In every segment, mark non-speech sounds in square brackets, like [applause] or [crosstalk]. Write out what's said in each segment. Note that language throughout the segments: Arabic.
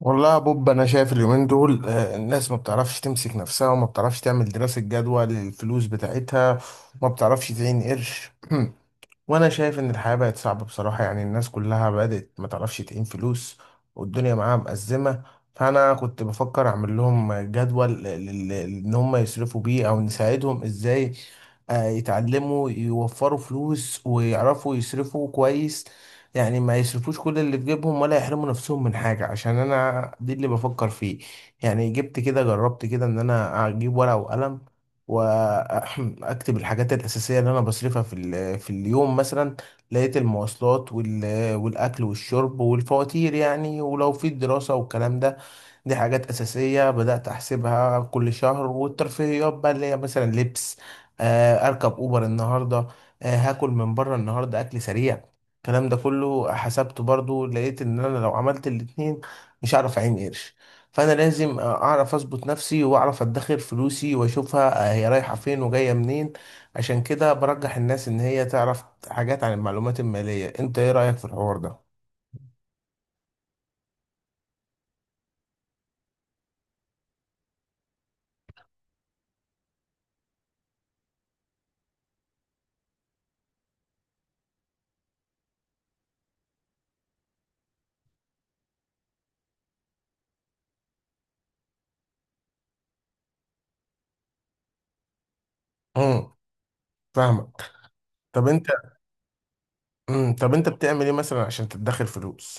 والله يا بوب، انا شايف اليومين دول الناس ما بتعرفش تمسك نفسها وما بتعرفش تعمل دراسة جدوى للفلوس بتاعتها. ما بتعرفش تعين قرش. [clears throat] وانا شايف ان الحياة بقت صعبة بصراحة، يعني الناس كلها بدأت ما تعرفش تقيم فلوس والدنيا معاها مأزمة. فانا كنت بفكر اعمل لهم جدول ان هم يصرفوا بيه او نساعدهم ازاي. يتعلموا يوفروا فلوس ويعرفوا يصرفوا كويس، يعني ما يصرفوش كل اللي في جيبهم ولا يحرموا نفسهم من حاجة، عشان انا دي اللي بفكر فيه. يعني جبت كده، جربت كده ان انا اجيب ورقة وقلم واكتب الحاجات الاساسيه اللي انا بصرفها في اليوم مثلا. لقيت المواصلات والاكل والشرب والفواتير، يعني ولو في الدراسه والكلام ده، دي حاجات أساسية بدأت أحسبها كل شهر. والترفيهيات بقى اللي هي مثلا لبس، أركب أوبر النهاردة، هاكل من بره النهاردة أكل سريع. الكلام ده كله حسبته برضو، لقيت إن أنا لو عملت الاتنين مش هعرف أعين قرش. فأنا لازم أعرف أظبط نفسي وأعرف أدخر فلوسي وأشوفها هي رايحة فين وجاية منين. عشان كده برجح الناس إن هي تعرف حاجات عن المعلومات المالية. أنت إيه رأيك في الحوار ده؟ امم. فاهمك. طب أنت. امم. طب انت بتعمل ايه مثلا عشان تدخر فلوس؟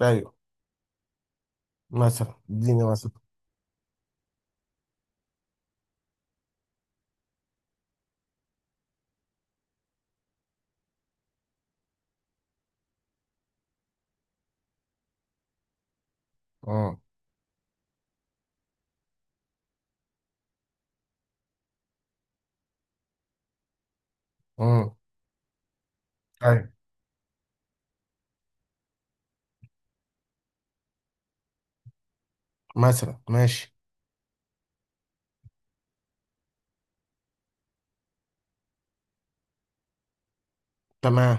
ايوه. مثلا اديني مثلا. امم. امم. ايوه. مثلا ماشي. تمام.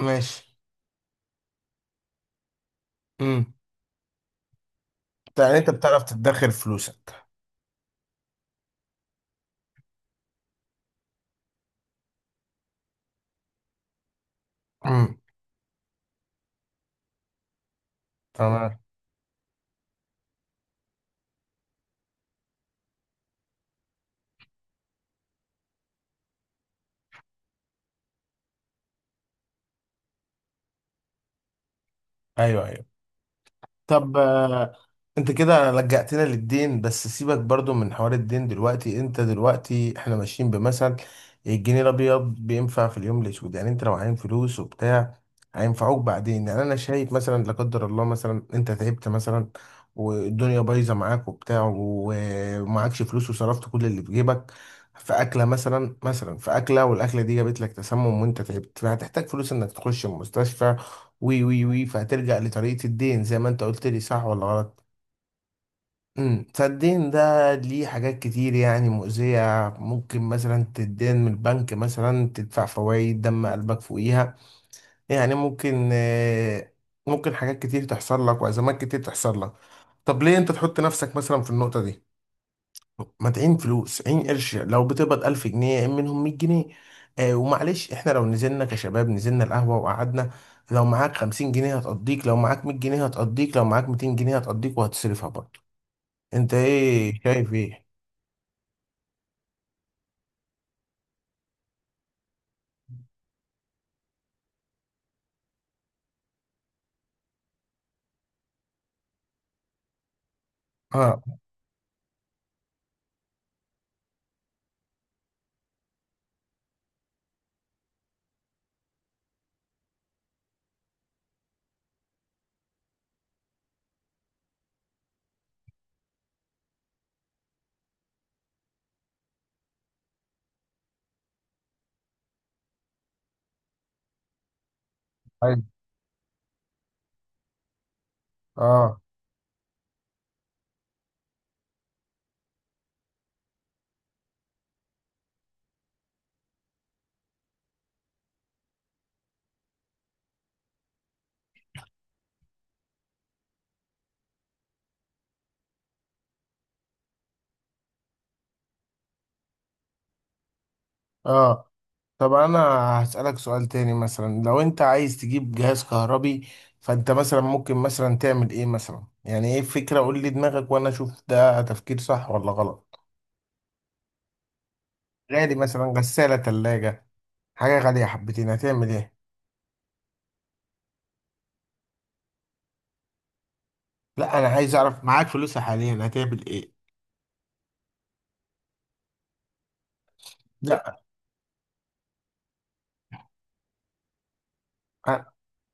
ماشي. امم. يعني انت بتعرف تدخر فلوسك. امم. تمام. ايوه، ايوه. طب انت كده لجأتنا للدين، بس سيبك برضو من حوار الدين دلوقتي، انت دلوقتي احنا ماشيين بمثل الجنيه الابيض بينفع في اليوم الاسود، يعني انت لو عايم فلوس وبتاع هينفعوك بعدين. يعني انا شايف مثلا، لا قدر الله، مثلا انت تعبت مثلا والدنيا بايظه معاك وبتاع، ومعكش فلوس وصرفت كل اللي في جيبك في اكله مثلا، مثلا في اكله والاكله دي جابت لك تسمم وانت تعبت، فهتحتاج فلوس انك تخش المستشفى. وي وي وي فهترجع لطريقه الدين زي ما انت قلت لي، صح ولا غلط؟ امم. فالدين ده ليه حاجات كتير يعني مؤذية، ممكن مثلا تدين من البنك، مثلا تدفع فوائد دم قلبك فوقيها، يعني ممكن حاجات كتير تحصل لك وأزمات كتير تحصل لك. طب ليه أنت تحط نفسك مثلا في النقطة دي؟ ما تعين فلوس، عين قرش، لو بتقبض 1000 جنيه عين منهم 100 جنيه. ومعلش، احنا لو نزلنا كشباب، نزلنا القهوة وقعدنا، لو معاك 50 جنيه هتقضيك، لو معاك 100 جنيه هتقضيك، لو معاك 200 جنيه هتقضيك وهتصرفها برضه. انت ايه شايف ايه؟ اه. أيوة. اه، اه. طب انا هسألك سؤال تاني، مثلا لو انت عايز تجيب جهاز كهربي، فانت مثلا ممكن مثلا تعمل ايه مثلا؟ يعني ايه الفكرة؟ قول لي دماغك وانا اشوف ده تفكير صح ولا غلط. غالي مثلا، غسالة، تلاجة. حاجة غالية حبتين، هتعمل ايه؟ لا، انا عايز اعرف معاك فلوس حاليا هتعمل ايه؟ لا.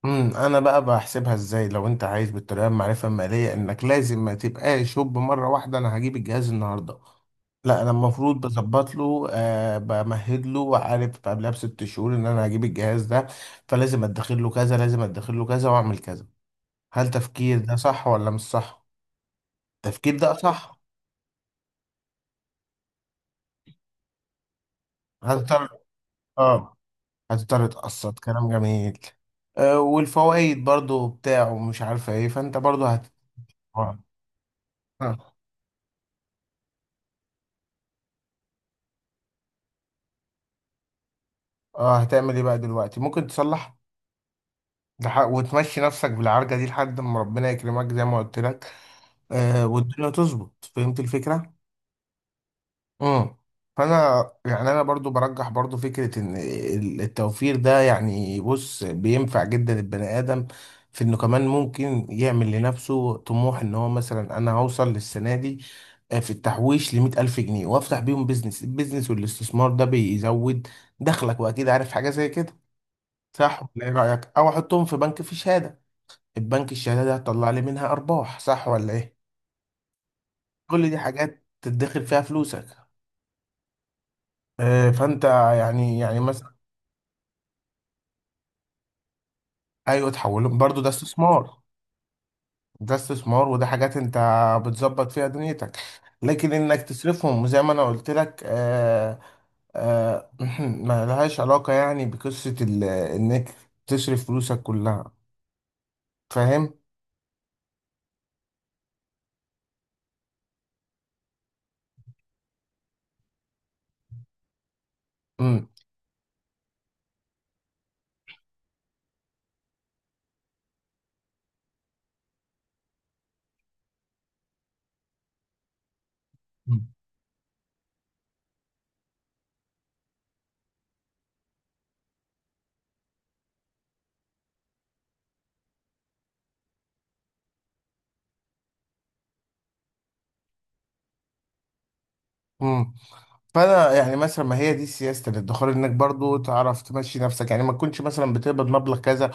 امم. انا بقى بحسبها ازاي لو انت عايز بالطريقه المعرفه الماليه؟ انك لازم ما تبقاش شوب مره واحده، انا هجيب الجهاز النهارده، لا، انا المفروض بظبط له، بمهد له وعارف قبلها ب6 شهور ان انا هجيب الجهاز ده، فلازم ادخر له كذا، لازم ادخر له كذا، واعمل كذا. هل تفكير ده صح ولا مش صح؟ التفكير ده صح. هتضطر. اه. هتضطر تقسط، كلام جميل. والفوائد برضو بتاعه مش عارفه ايه، فانت برضو آه. اه، هتعمل ايه بقى دلوقتي؟ ممكن تصلح، وتمشي نفسك بالعرجة دي لحد ما ربنا يكرمك زي ما قلت لك، والدنيا تظبط. فهمت الفكرة؟ امم. فانا يعني انا برضو برجح برضو فكرة ان التوفير ده، يعني بص بينفع جدا البني ادم في انه كمان ممكن يعمل لنفسه طموح، ان هو مثلا انا هوصل للسنة دي، في التحويش ل100,000 جنيه وأفتح بيهم بيزنس. البيزنس والاستثمار ده بيزود دخلك، وأكيد عارف حاجة زي كده، صح ولا ايه رأيك؟ او احطهم في بنك في شهادة، البنك الشهادة ده هتطلع لي منها ارباح، صح ولا ايه؟ كل دي حاجات تدخر فيها فلوسك، فانت يعني مثلا. ايوه، تحولهم برضو ده استثمار. ده استثمار، وده حاجات انت بتظبط فيها دنيتك، لكن انك تصرفهم زي ما انا قلت لك آه، [clears throat] ما لهاش علاقة يعني بقصة انك تصرف فلوسك كلها، فاهم. امم. فانا يعني مثلا، ما هي دي سياسه الادخار، انك برضو تعرف تمشي نفسك، يعني ما تكونش مثلا بتقبض مبلغ كذا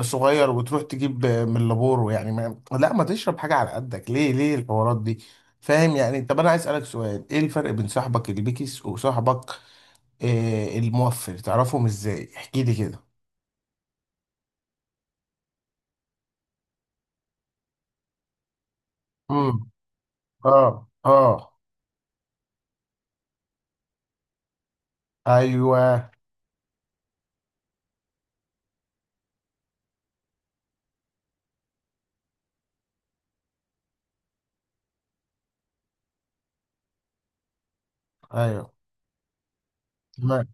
صغير وتروح تجيب من لابورو. يعني ما تشرب حاجه على قدك، ليه ليه الحوارات دي؟ فاهم يعني. طب انا عايز اسالك سؤال، ايه الفرق بين صاحبك البيكس وصاحبك الموفر؟ تعرفهم ازاي؟ احكي لي كده. امم. اه، اه. ايوه، ايوه. تمام.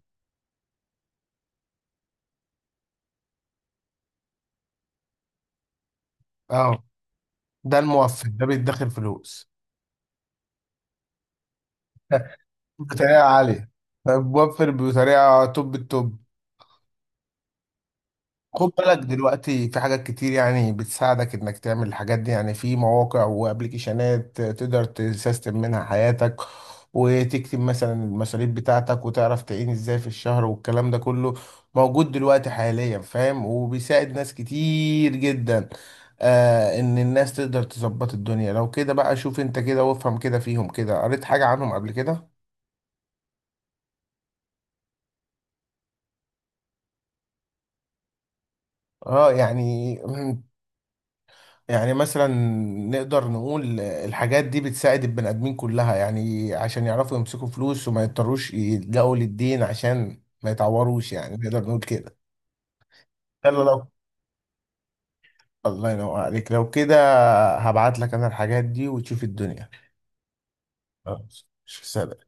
اه. ده الموفر ده بيدخر فلوس. [laughs] بطريقه عاليه، موفر بطريقه توب التوب. خد بالك دلوقتي في حاجات كتير يعني بتساعدك انك تعمل الحاجات دي، يعني في مواقع وابلكيشنات تقدر تسيستم منها حياتك وتكتب مثلا المصاريف بتاعتك وتعرف تعين ازاي في الشهر، والكلام ده كله موجود دلوقتي حاليا، فاهم، وبيساعد ناس كتير جدا. ان الناس تقدر تظبط الدنيا لو كده، بقى شوف انت كده وافهم كده فيهم كده، قريت حاجة عنهم قبل كده؟ اه، يعني مثلا نقدر نقول الحاجات دي بتساعد البني ادمين كلها، يعني عشان يعرفوا يمسكوا فلوس وما يضطروش يلجأوا للدين عشان ما يتعوروش، يعني نقدر نقول كده. يلا لو. [laughs] الله ينور عليك، لو كده هبعت لك انا الحاجات دي، وتشوف الدنيا. خلاص، سلام.